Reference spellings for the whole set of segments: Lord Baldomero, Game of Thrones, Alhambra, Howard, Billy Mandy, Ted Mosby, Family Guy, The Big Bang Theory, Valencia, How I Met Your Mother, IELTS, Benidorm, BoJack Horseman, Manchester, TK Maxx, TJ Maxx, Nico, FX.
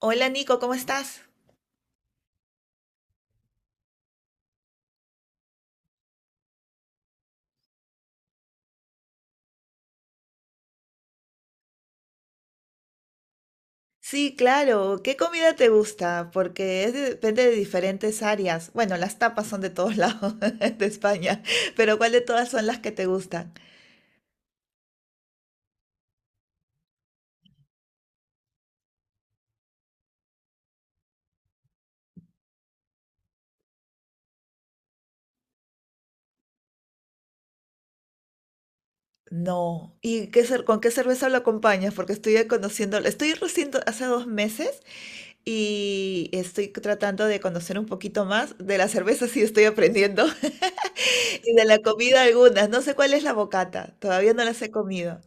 Hola Nico, ¿cómo estás? Sí, claro. ¿Qué comida te gusta? Porque depende de diferentes áreas. Bueno, las tapas son de todos lados de España, pero ¿cuál de todas son las que te gustan? No. ¿Y con qué cerveza lo acompañas? Porque estoy conociendo, estoy recién hace 2 meses y estoy tratando de conocer un poquito más de la cerveza, sí estoy aprendiendo, y de la comida algunas. No sé cuál es la bocata, todavía no las he comido.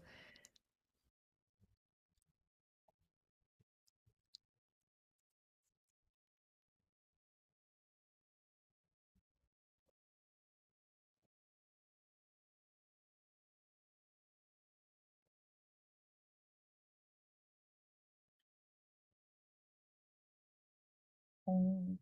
Mm.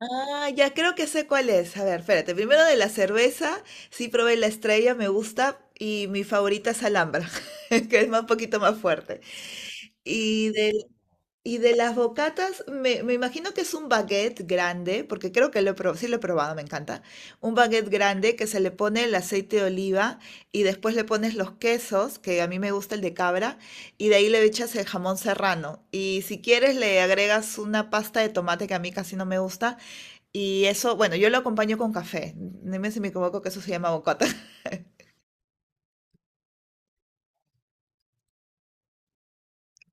Ah, ya creo que sé cuál es. A ver, espérate. Primero de la cerveza, sí probé la estrella, me gusta. Y mi favorita es Alhambra, un poquito más fuerte. Y de, Y de las bocatas, me imagino que es un baguette grande, porque creo que lo he probado, sí lo he probado, me encanta. Un baguette grande que se le pone el aceite de oliva y después le pones los quesos, que a mí me gusta el de cabra, y de ahí le echas el jamón serrano. Y si quieres le agregas una pasta de tomate que a mí casi no me gusta. Y eso, bueno, yo lo acompaño con café. Dime si me equivoco que eso se llama bocata. me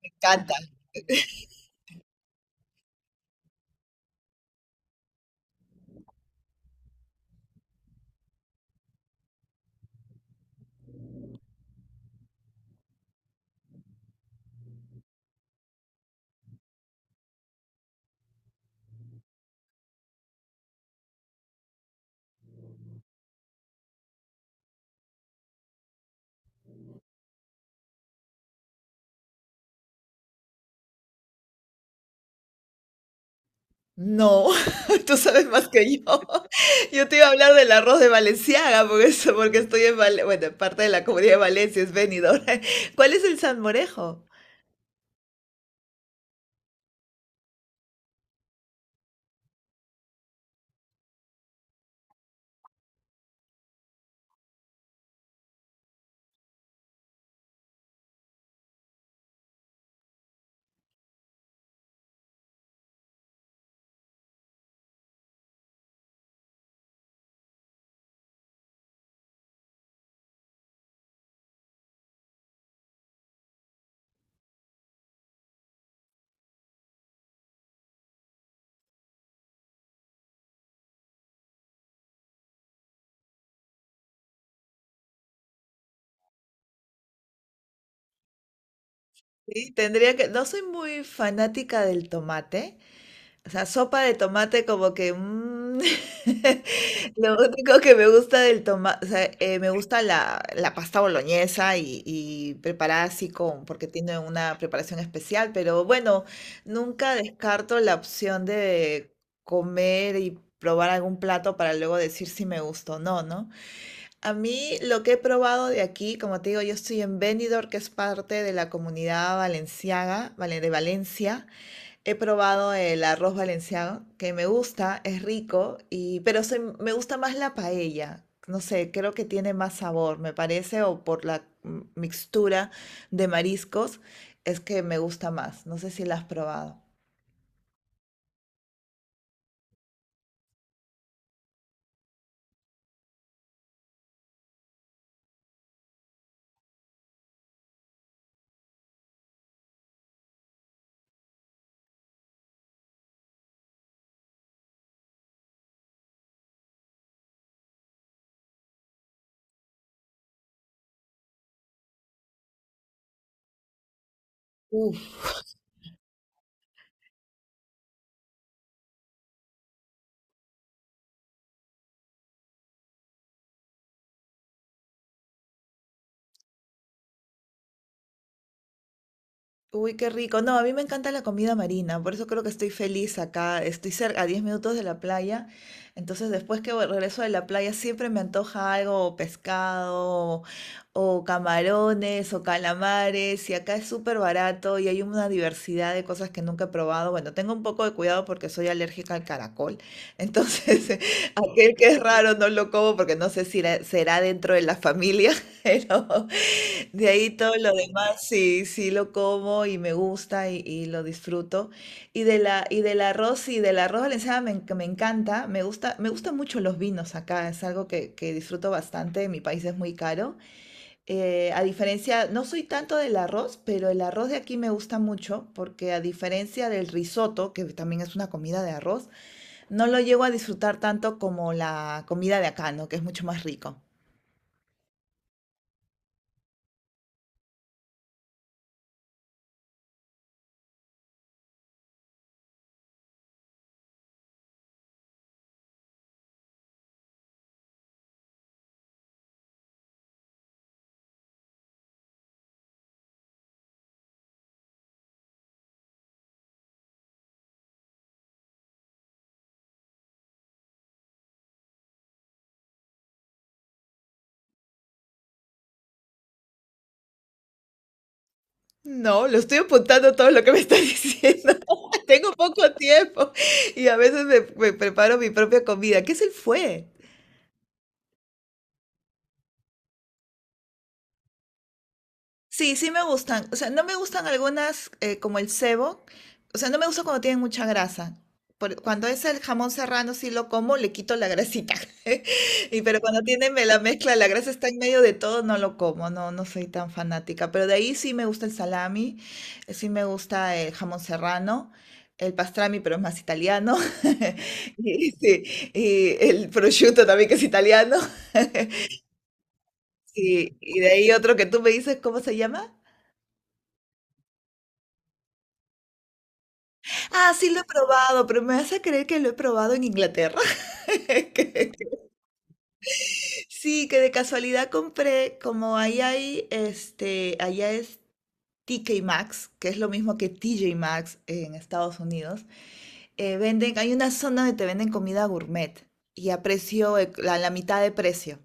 encanta. No, tú sabes más que yo. Yo te iba a hablar del arroz de Valenciaga, porque estoy en Valencia, bueno, en parte de la comunidad de Valencia, es Benidorm. ¿Cuál es el salmorejo? Sí, tendría que, no soy muy fanática del tomate, o sea, sopa de tomate como que... mm, Lo único que me gusta del tomate o sea, me gusta la pasta boloñesa y preparada así con, porque tiene una preparación especial, pero bueno, nunca descarto la opción de comer y probar algún plato para luego decir si me gustó o no, ¿no? A mí lo que he probado de aquí, como te digo, yo estoy en Benidorm, que es parte de la comunidad valenciaga, vale, de Valencia. He probado el arroz valenciano, que me gusta, es rico, pero me gusta más la paella. No sé, creo que tiene más sabor, me parece, o por la mixtura de mariscos, es que me gusta más. No sé si la has probado. Uy, qué rico. No, a mí me encanta la comida marina, por eso creo que estoy feliz acá. Estoy cerca, a 10 minutos de la playa. Entonces, después que regreso de la playa, siempre me antoja algo, pescado, o camarones, o calamares. Y acá es súper barato y hay una diversidad de cosas que nunca he probado. Bueno, tengo un poco de cuidado porque soy alérgica al caracol. Entonces, aquel que es raro no lo como porque no sé si será dentro de la familia, pero. De ahí todo lo demás sí, sí lo como y me gusta y lo disfruto. Y del arroz valenciano me encanta, me gusta, me gustan mucho los vinos acá, es algo que disfruto bastante, en mi país es muy caro. A diferencia, no soy tanto del arroz, pero el arroz de aquí me gusta mucho, porque a diferencia del risotto, que también es una comida de arroz, no lo llego a disfrutar tanto como la comida de acá, ¿no? Que es mucho más rico. No, lo estoy apuntando todo lo que me está diciendo. Tengo poco tiempo y a veces me preparo mi propia comida. ¿Qué es el fue? Sí, sí me gustan. O sea, no me gustan algunas como el cebo. O sea, no me gusta cuando tienen mucha grasa. Cuando es el jamón serrano, sí lo como, le quito la grasita. Y pero cuando la mezcla, la grasa está en medio de todo, no lo como, no, no soy tan fanática. Pero de ahí sí me gusta el salami, sí me gusta el jamón serrano, el pastrami, pero es más italiano. Y, sí, y el prosciutto también que es italiano. Sí, y de ahí otro que tú me dices, ¿cómo se llama? Ah, sí lo he probado, pero me vas a creer que lo he probado en Inglaterra. Que- Sí, que de casualidad compré, como ahí hay, este, allá es TK Maxx, que es lo mismo que TJ Maxx en Estados Unidos. Venden, hay una zona donde te venden comida gourmet y a a la mitad de precio.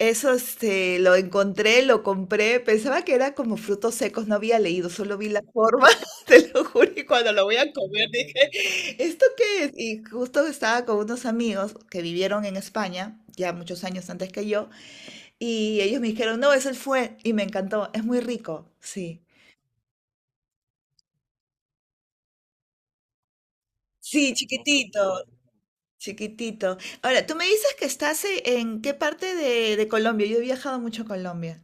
Eso, este, lo encontré, lo compré, pensaba que era como frutos secos, no había leído, solo vi la forma, te lo juro, y cuando lo voy a comer dije, ¿esto qué es? Y justo estaba con unos amigos que vivieron en España, ya muchos años antes que yo, y ellos me dijeron, no, es el fue, y me encantó, es muy rico, sí. Sí, chiquitito, chiquitito. Ahora, tú me dices que estás en qué parte de Colombia, yo he viajado mucho a Colombia.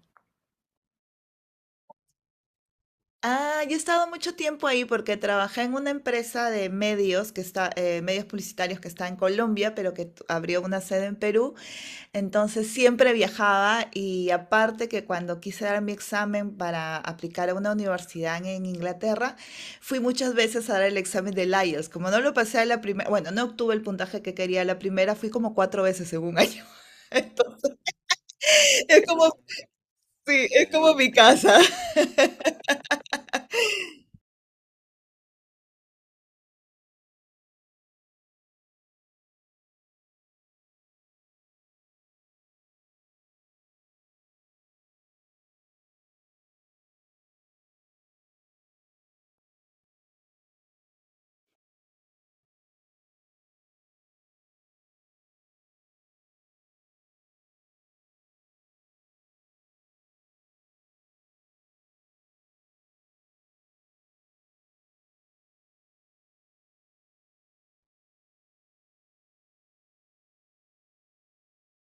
Ah, yo he estado mucho tiempo ahí porque trabajé en una empresa de medios que está, medios publicitarios que está en Colombia, pero que abrió una sede en Perú. Entonces siempre viajaba y aparte que cuando quise dar mi examen para aplicar a una universidad en Inglaterra, fui muchas veces a dar el examen del IELTS. Como no lo pasé a la primera, bueno, no obtuve el puntaje que quería a la primera, fui como 4 veces en 1 año. Entonces, es como, sí, es como mi casa.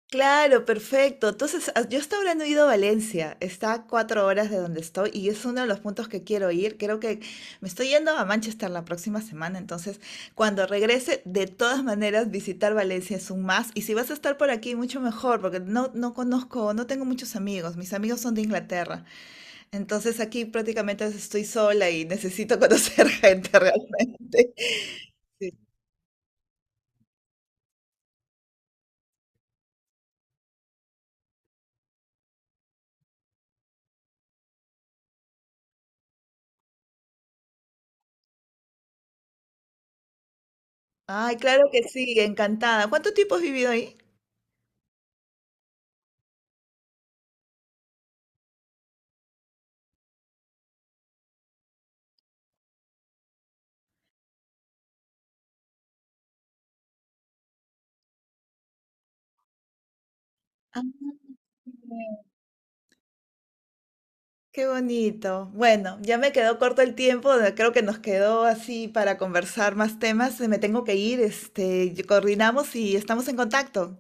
Claro, perfecto. Entonces, ah, yo hasta ahora no he ido a Valencia, está a 4 horas de donde estoy y es uno de los puntos que quiero ir. Creo que me estoy yendo a Manchester la próxima semana, entonces cuando regrese, de todas maneras, visitar Valencia es un más. Y si vas a estar por aquí, mucho mejor, porque no, no conozco, no tengo muchos amigos, mis amigos son de Inglaterra, entonces aquí prácticamente estoy sola y necesito conocer gente realmente. Sí. Ay, claro que sí, encantada. ¿Cuánto tiempo has vivido ahí? Ah, qué bonito. Bueno, ya me quedó corto el tiempo, creo que nos quedó así para conversar más temas. Me tengo que ir, este, y coordinamos y estamos en contacto.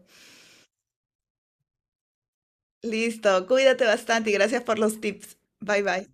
Listo, cuídate bastante y gracias por los tips. Bye bye.